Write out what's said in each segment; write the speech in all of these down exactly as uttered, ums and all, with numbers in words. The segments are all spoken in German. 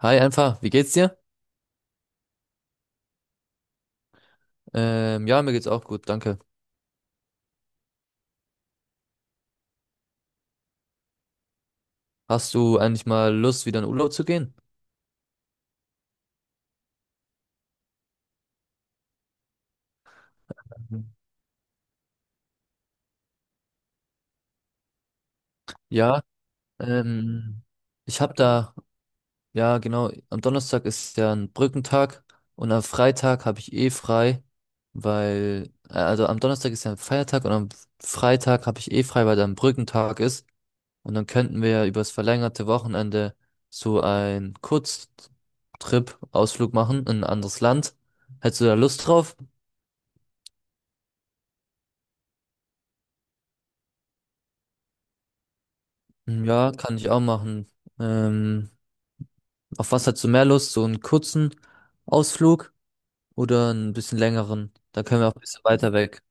Hi, einfach, wie geht's dir? Ähm, ja, mir geht's auch gut, danke. Hast du eigentlich mal Lust, wieder in Urlaub zu gehen? Mhm. Ja, ähm, ich habe da, ja genau, am Donnerstag ist ja ein Brückentag und am Freitag habe ich eh frei, weil, äh, also am Donnerstag ist ja ein Feiertag und am Freitag habe ich eh frei, weil da ein Brückentag ist. Und dann könnten wir ja übers verlängerte Wochenende so einen Kurztrip, Ausflug machen in ein anderes Land. Hättest du da Lust drauf? Hm, ja, kann ich auch machen. Ähm, auf was hast du mehr Lust? So einen kurzen Ausflug oder einen bisschen längeren? Da können wir auch ein bisschen weiter weg.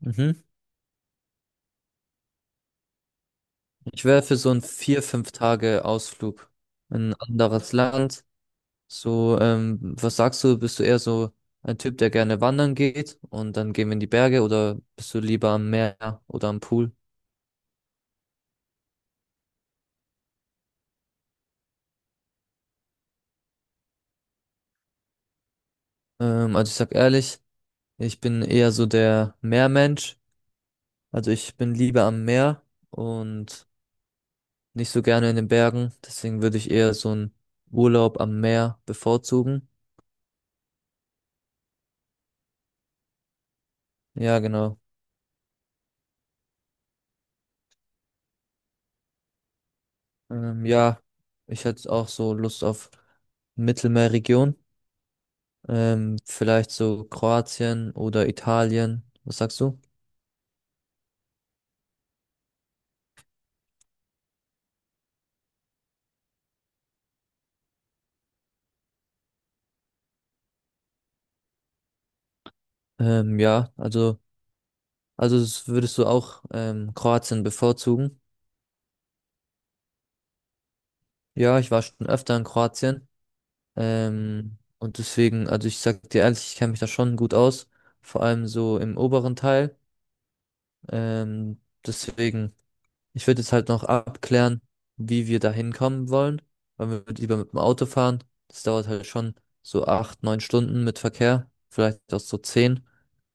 Mhm. Ich wäre für so einen vier, fünf Tage Ausflug in ein anderes Land. So, ähm, was sagst du? Bist du eher so ein Typ, der gerne wandern geht und dann gehen wir in die Berge oder bist du lieber am Meer oder am Pool? Ähm, also ich sag ehrlich, ich bin eher so der Meermensch. Also ich bin lieber am Meer und nicht so gerne in den Bergen, deswegen würde ich eher so einen Urlaub am Meer bevorzugen. Ja, genau. Ähm, ja, Ich hätte auch so Lust auf Mittelmeerregion. Ähm, vielleicht so Kroatien oder Italien. Was sagst du? Ähm, ja, also, also s- würdest du auch ähm, Kroatien bevorzugen? Ja, ich war schon öfter in Kroatien. Ähm, und deswegen, also ich sag dir ehrlich, ich kenne mich da schon gut aus. Vor allem so im oberen Teil. Ähm, deswegen. Ich würde jetzt halt noch abklären, wie wir da hinkommen wollen, weil wir lieber mit dem Auto fahren. Das dauert halt schon so acht, neun Stunden mit Verkehr, vielleicht auch so zehn.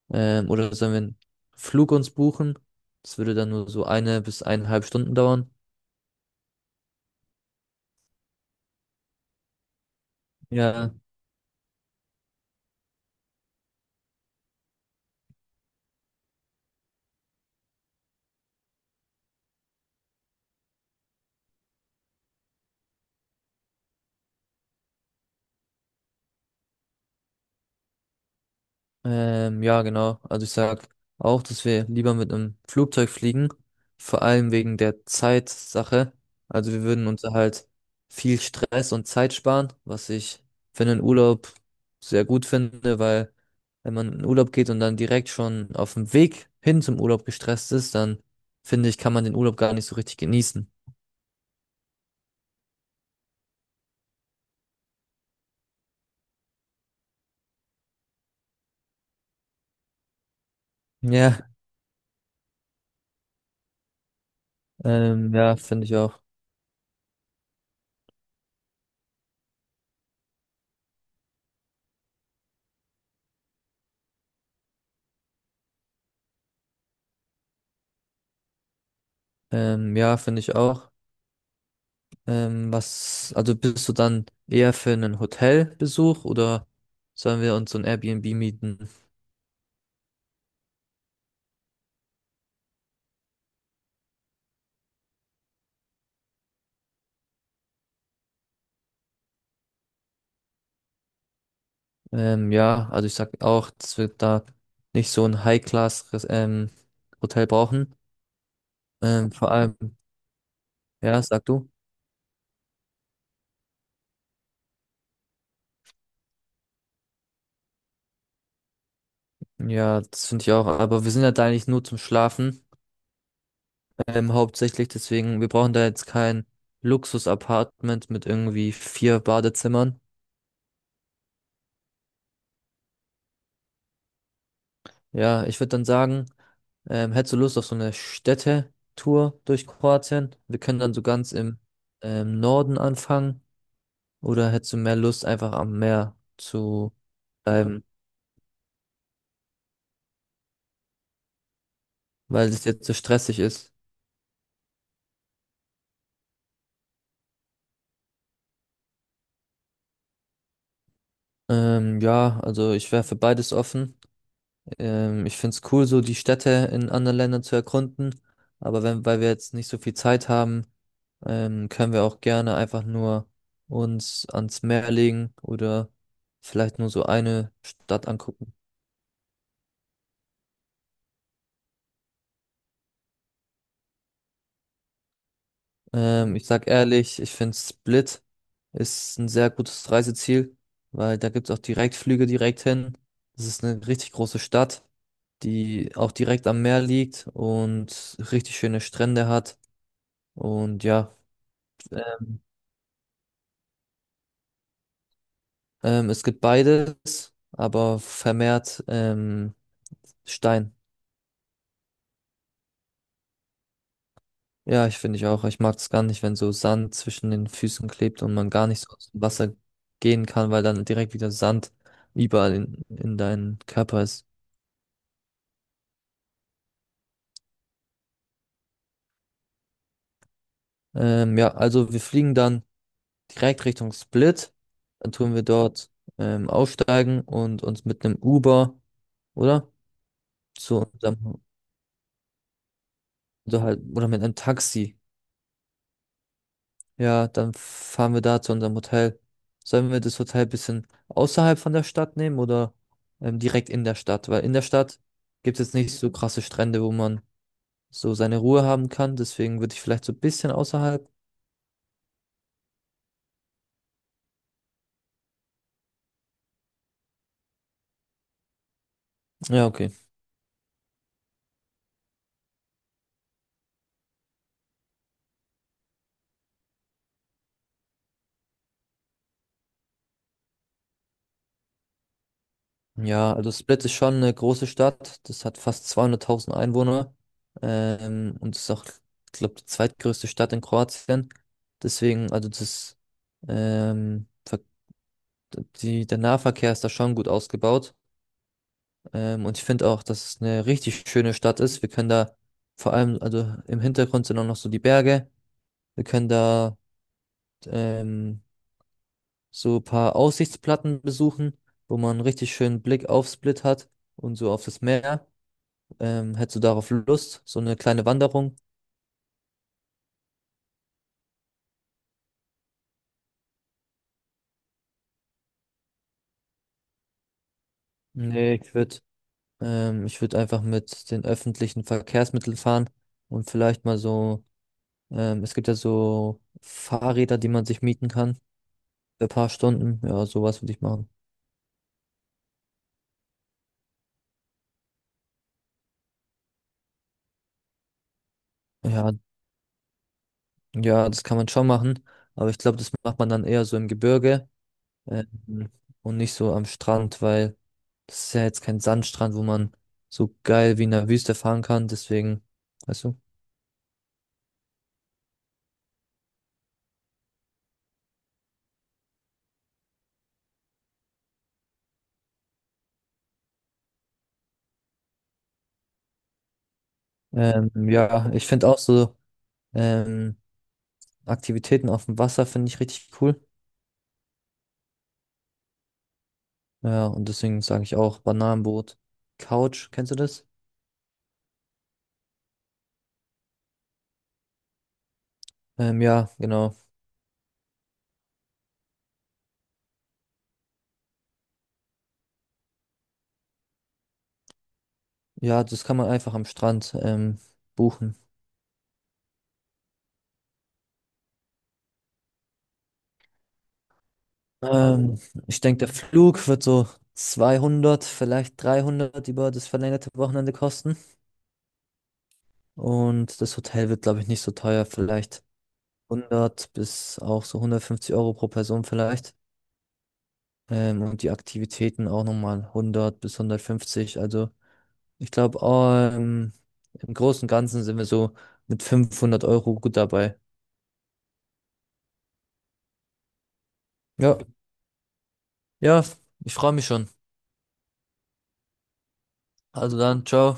Ähm, oder sollen wir einen Flug uns buchen? Das würde dann nur so eine bis eineinhalb Stunden dauern. Ja. Ähm, ja, genau. Also ich sag auch, dass wir lieber mit einem Flugzeug fliegen, vor allem wegen der Zeitsache. Also wir würden uns halt viel Stress und Zeit sparen, was ich für einen Urlaub sehr gut finde, weil wenn man in den Urlaub geht und dann direkt schon auf dem Weg hin zum Urlaub gestresst ist, dann finde ich, kann man den Urlaub gar nicht so richtig genießen. Ja, ähm, ja, finde ich auch. Ähm, ja, Finde ich auch. Ähm, was, also bist du dann eher für einen Hotelbesuch oder sollen wir uns so ein Airbnb mieten? Ähm, ja, also ich sag auch, dass wir da nicht so ein High-Class, ähm, Hotel brauchen. Ähm, vor allem, ja, sag du. Ja, das finde ich auch. Aber wir sind ja da eigentlich nur zum Schlafen. Ähm, hauptsächlich deswegen, wir brauchen da jetzt kein Luxus-Apartment mit irgendwie vier Badezimmern. Ja, ich würde dann sagen, ähm, hättest du Lust auf so eine Städtetour durch Kroatien? Wir können dann so ganz im ähm, Norden anfangen. Oder hättest du mehr Lust, einfach am Meer zu bleiben, weil es jetzt so stressig ist? Ähm, ja, also ich wäre für beides offen. Ähm, ich finde es cool, so die Städte in anderen Ländern zu erkunden. Aber wenn, weil wir jetzt nicht so viel Zeit haben, ähm, können wir auch gerne einfach nur uns ans Meer legen oder vielleicht nur so eine Stadt angucken. Ähm, ich sag ehrlich, ich finde Split ist ein sehr gutes Reiseziel, weil da gibt's auch Direktflüge direkt hin. Das ist eine richtig große Stadt, die auch direkt am Meer liegt und richtig schöne Strände hat. Und ja, ähm, Ähm, es gibt beides, aber vermehrt ähm, Stein. Ja, ich finde ich auch. Ich mag es gar nicht, wenn so Sand zwischen den Füßen klebt und man gar nicht so aus dem Wasser gehen kann, weil dann direkt wieder Sand überall in, in deinen Körper ist. Ähm, ja, also wir fliegen dann direkt Richtung Split. Dann tun wir dort ähm, aussteigen und uns mit einem Uber, oder? Zu unserem, oder halt, oder mit einem Taxi. Ja, dann fahren wir da zu unserem Hotel. Sollen wir das Hotel ein bisschen außerhalb von der Stadt nehmen oder ähm, direkt in der Stadt? Weil in der Stadt gibt es nicht so krasse Strände, wo man so seine Ruhe haben kann. Deswegen würde ich vielleicht so ein bisschen außerhalb. Ja, okay. Ja, also Split ist schon eine große Stadt. Das hat fast zweihunderttausend Einwohner. Ähm, und ist auch, glaube die zweitgrößte Stadt in Kroatien. Deswegen, also das, ähm, Ver- Die, der Nahverkehr ist da schon gut ausgebaut. Ähm, und ich finde auch, dass es eine richtig schöne Stadt ist. Wir können da vor allem, also im Hintergrund sind auch noch so die Berge. Wir können da ähm, so ein paar Aussichtsplatten besuchen, wo man einen richtig schönen Blick auf Split hat und so auf das Meer. Ähm, hättest du darauf Lust? So eine kleine Wanderung? Nee, ich würde ähm, ich würde einfach mit den öffentlichen Verkehrsmitteln fahren und vielleicht mal so, ähm, es gibt ja so Fahrräder, die man sich mieten kann für ein paar Stunden. Ja, sowas würde ich machen. Ja, ja, das kann man schon machen, aber ich glaube, das macht man dann eher so im Gebirge, ähm, und nicht so am Strand, weil das ist ja jetzt kein Sandstrand, wo man so geil wie in der Wüste fahren kann. Deswegen, weißt du? Ähm, ja, Ich finde auch so ähm, Aktivitäten auf dem Wasser finde ich richtig cool. Ja, und deswegen sage ich auch Bananenboot, Couch, kennst du das? Ähm, ja, genau. Ja, das kann man einfach am Strand ähm, buchen. Ähm, Ich denke, der Flug wird so zweihundert vielleicht dreihundert über das verlängerte Wochenende kosten. Und das Hotel wird, glaube ich, nicht so teuer, vielleicht hundert bis auch so hundertfünfzig Euro pro Person vielleicht. Ähm, und die Aktivitäten auch nochmal hundert bis hundertfünfzig. Also ich glaube, ähm, im Großen und Ganzen sind wir so mit fünfhundert Euro gut dabei. Ja, ja, ich freue mich schon. Also dann, ciao.